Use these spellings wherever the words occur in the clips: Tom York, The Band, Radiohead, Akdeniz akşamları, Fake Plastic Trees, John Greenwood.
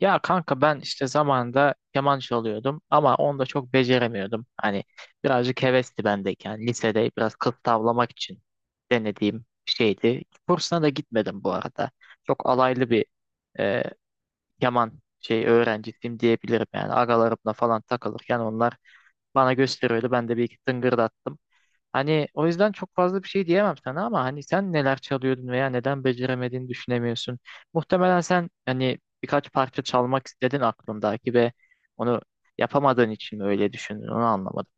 Ya kanka ben işte zamanında keman çalıyordum ama onu da çok beceremiyordum. Hani birazcık hevesti bendeyken yani lisede biraz kılık tavlamak için denediğim bir şeydi. Kursuna da gitmedim bu arada. Çok alaylı bir e, keman şey öğrencisiyim diyebilirim yani. Agalarımla falan takılırken onlar bana gösteriyordu. Ben de bir iki tıngırdattım. Hani o yüzden çok fazla bir şey diyemem sana ama hani sen neler çalıyordun veya neden beceremediğini düşünemiyorsun. Muhtemelen sen hani birkaç parça çalmak istedin aklındaki ve onu yapamadığın için mi öyle düşündün onu anlamadım.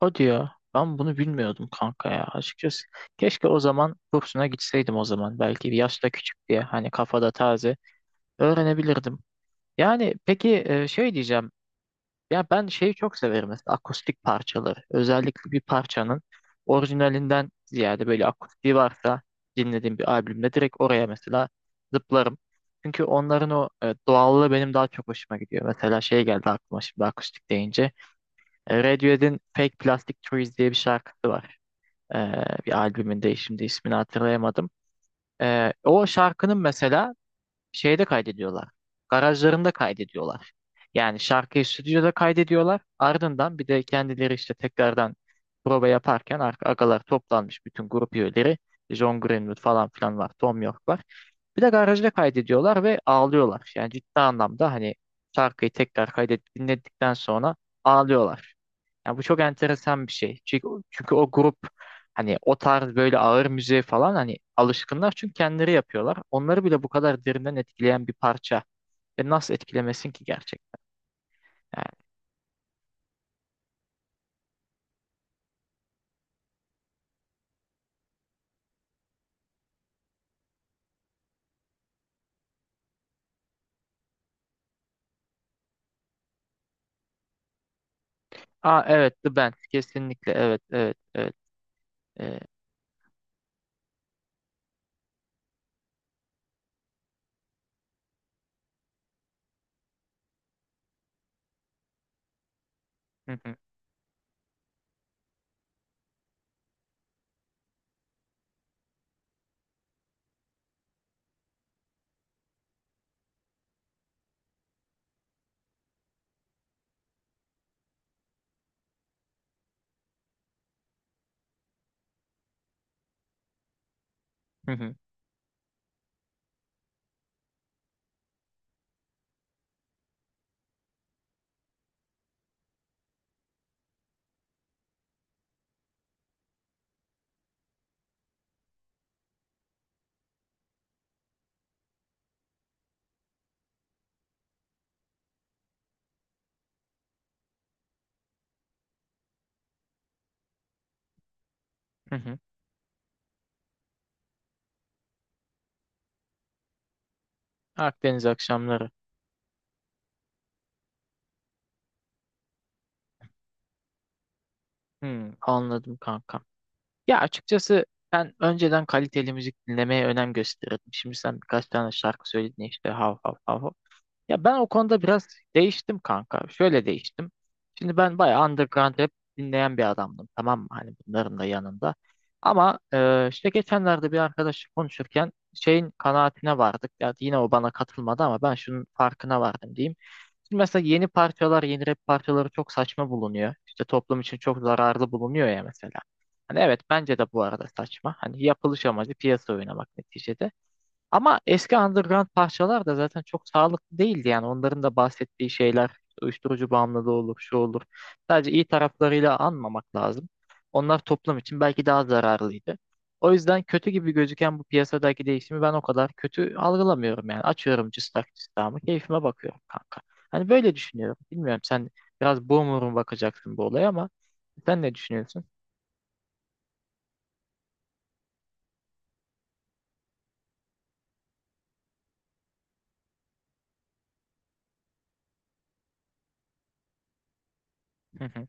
O diyor ben bunu bilmiyordum kanka ya açıkçası. Keşke o zaman kursuna gitseydim o zaman belki bir yaşta küçük diye hani kafada taze öğrenebilirdim. Yani peki şey diyeceğim. Ya ben şeyi çok severim mesela akustik parçaları. Özellikle bir parçanın orijinalinden ziyade böyle akustiği varsa dinlediğim bir albümde direkt oraya mesela zıplarım. Çünkü onların o doğallığı benim daha çok hoşuma gidiyor. Mesela şey geldi aklıma şimdi akustik deyince. Radiohead'in Fake Plastic Trees diye bir şarkısı var. E, bir albümünde şimdi ismini hatırlayamadım. O şarkının mesela şeyde kaydediyorlar. Garajlarında kaydediyorlar. Yani şarkıyı stüdyoda kaydediyorlar. Ardından bir de kendileri işte tekrardan prova yaparken agalar toplanmış bütün grup üyeleri. John Greenwood falan filan var. Tom York var. Bir de garajda kaydediyorlar ve ağlıyorlar. Yani ciddi anlamda hani şarkıyı tekrar kaydet dinledikten sonra ağlıyorlar. Yani bu çok enteresan bir şey. Çünkü o grup hani o tarz böyle ağır müziğe falan hani alışkınlar çünkü kendileri yapıyorlar. Onları bile bu kadar derinden etkileyen bir parça. Ve nasıl etkilemesin ki gerçekten yani. Aa evet, The Band, kesinlikle, evet, evet, evet. Ee, hı hı, hı hı, hı hı. Akdeniz akşamları. Hmm, anladım kanka. Ya açıkçası ben önceden kaliteli müzik dinlemeye önem gösterirdim. Şimdi sen birkaç tane şarkı söyledin ya işte hav hav hav, hav. Ya ben o konuda biraz değiştim kanka. Şöyle değiştim. Şimdi ben bayağı underground rap dinleyen bir adamdım. Tamam mı? Hani bunların da yanında. Ama işte geçenlerde bir arkadaşla konuşurken şeyin kanaatine vardık. Ya yine o bana katılmadı ama ben şunun farkına vardım diyeyim. Şimdi mesela yeni parçalar, yeni rap parçaları çok saçma bulunuyor. İşte toplum için çok zararlı bulunuyor ya mesela. Hani evet bence de bu arada saçma. Hani yapılış amacı piyasa oynamak neticede. Ama eski underground parçalar da zaten çok sağlıklı değildi yani. Onların da bahsettiği şeyler işte uyuşturucu bağımlılığı olur, şu olur. Sadece iyi taraflarıyla anmamak lazım. Onlar toplum için belki daha zararlıydı. O yüzden kötü gibi gözüken bu piyasadaki değişimi ben o kadar kötü algılamıyorum yani. Açıyorum cıstak cıstağımı, keyfime bakıyorum kanka. Hani böyle düşünüyorum. Bilmiyorum sen biraz boomer'un bakacaksın bu olaya ama sen ne düşünüyorsun? Hı hı,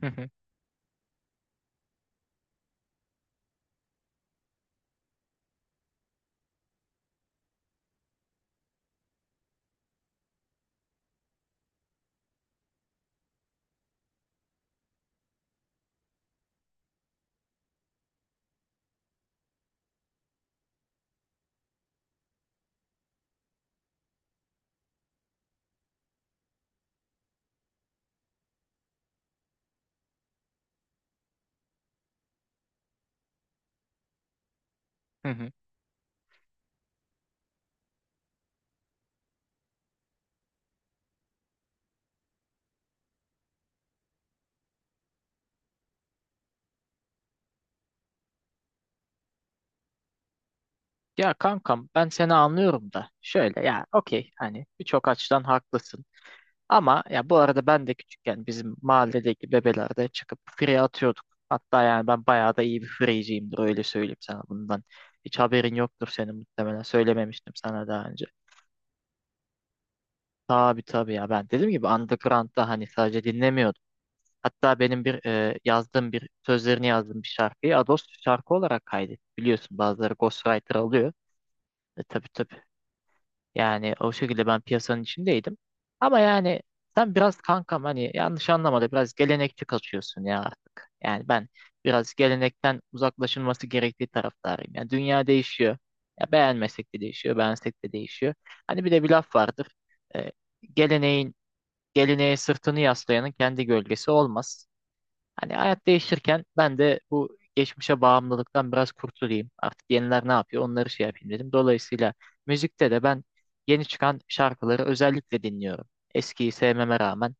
hı hı, hı hı. Ya kankam ben seni anlıyorum da şöyle ya okey hani birçok açıdan haklısın ama ya bu arada ben de küçükken bizim mahalledeki bebelerde çıkıp free atıyorduk. Hatta yani ben bayağı da iyi bir freeciyimdir öyle söyleyeyim sana bundan. Hiç haberin yoktur senin muhtemelen, söylememiştim sana daha önce. Tabii, tabii, ya ben dediğim gibi underground'da hani sadece dinlemiyordum. Hatta benim bir yazdığım bir sözlerini yazdığım bir şarkıyı Ados şarkı olarak kaydet. Biliyorsun bazıları ghostwriter alıyor. Tabii, tabii, yani o şekilde ben piyasanın içindeydim. Ama yani sen biraz kankam hani yanlış anlamadı biraz gelenekçi kaçıyorsun ya artık. Yani ben biraz gelenekten uzaklaşılması gerektiği taraftarıyım. Yani dünya değişiyor. Ya beğenmesek de değişiyor, beğensek de değişiyor. Hani bir de bir laf vardır. Ee, geleneğin geleneğe sırtını yaslayanın kendi gölgesi olmaz. Hani hayat değişirken ben de bu geçmişe bağımlılıktan biraz kurtulayım. Artık yeniler ne yapıyor onları şey yapayım dedim. Dolayısıyla müzikte de ben yeni çıkan şarkıları özellikle dinliyorum. Eskiyi sevmeme rağmen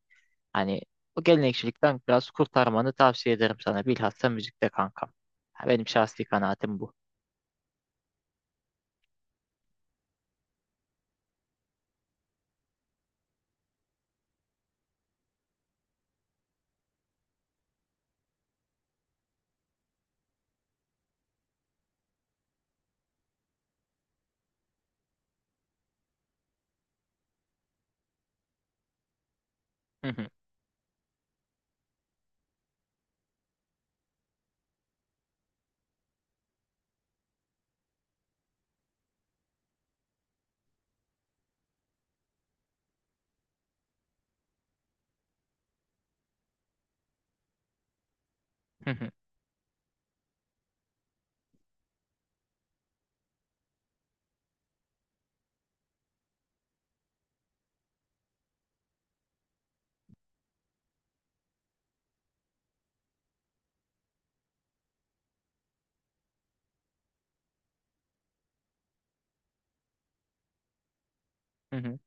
hani o gelenekçilikten biraz kurtarmanı tavsiye ederim sana. Bilhassa müzikte kankam. Ha, benim şahsi kanaatim bu. Hı hı, hı hı, hı hı.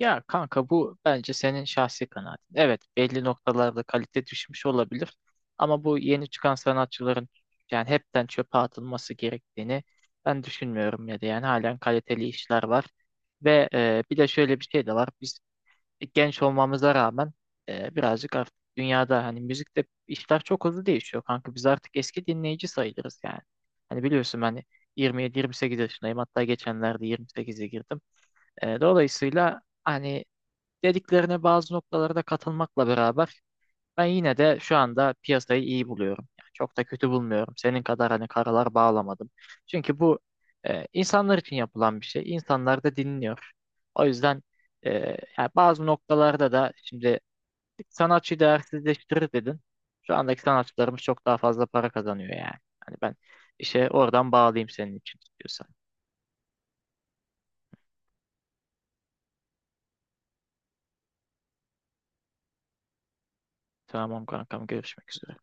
Ya kanka bu bence senin şahsi kanaatin. Evet, belli noktalarda kalite düşmüş olabilir. Ama bu yeni çıkan sanatçıların yani hepten çöpe atılması gerektiğini ben düşünmüyorum ya da yani halen kaliteli işler var. Ve bir de şöyle bir şey de var. Biz genç olmamıza rağmen birazcık artık dünyada hani müzikte işler çok hızlı değişiyor kanka. Biz artık eski dinleyici sayılırız yani. Hani biliyorsun ben 27-28 yaşındayım. Hatta geçenlerde 28'e girdim. Dolayısıyla hani dediklerine bazı noktalarda katılmakla beraber ben yine de şu anda piyasayı iyi buluyorum. Yani çok da kötü bulmuyorum. Senin kadar hani karalar bağlamadım. Çünkü bu insanlar için yapılan bir şey. İnsanlar da dinliyor. O yüzden e, yani bazı noktalarda da şimdi sanatçı değersizleştirir dedin. Şu andaki sanatçılarımız çok daha fazla para kazanıyor yani. Hani ben işe oradan bağlayayım senin için istiyorsan. Tamam kankam, görüşmek üzere.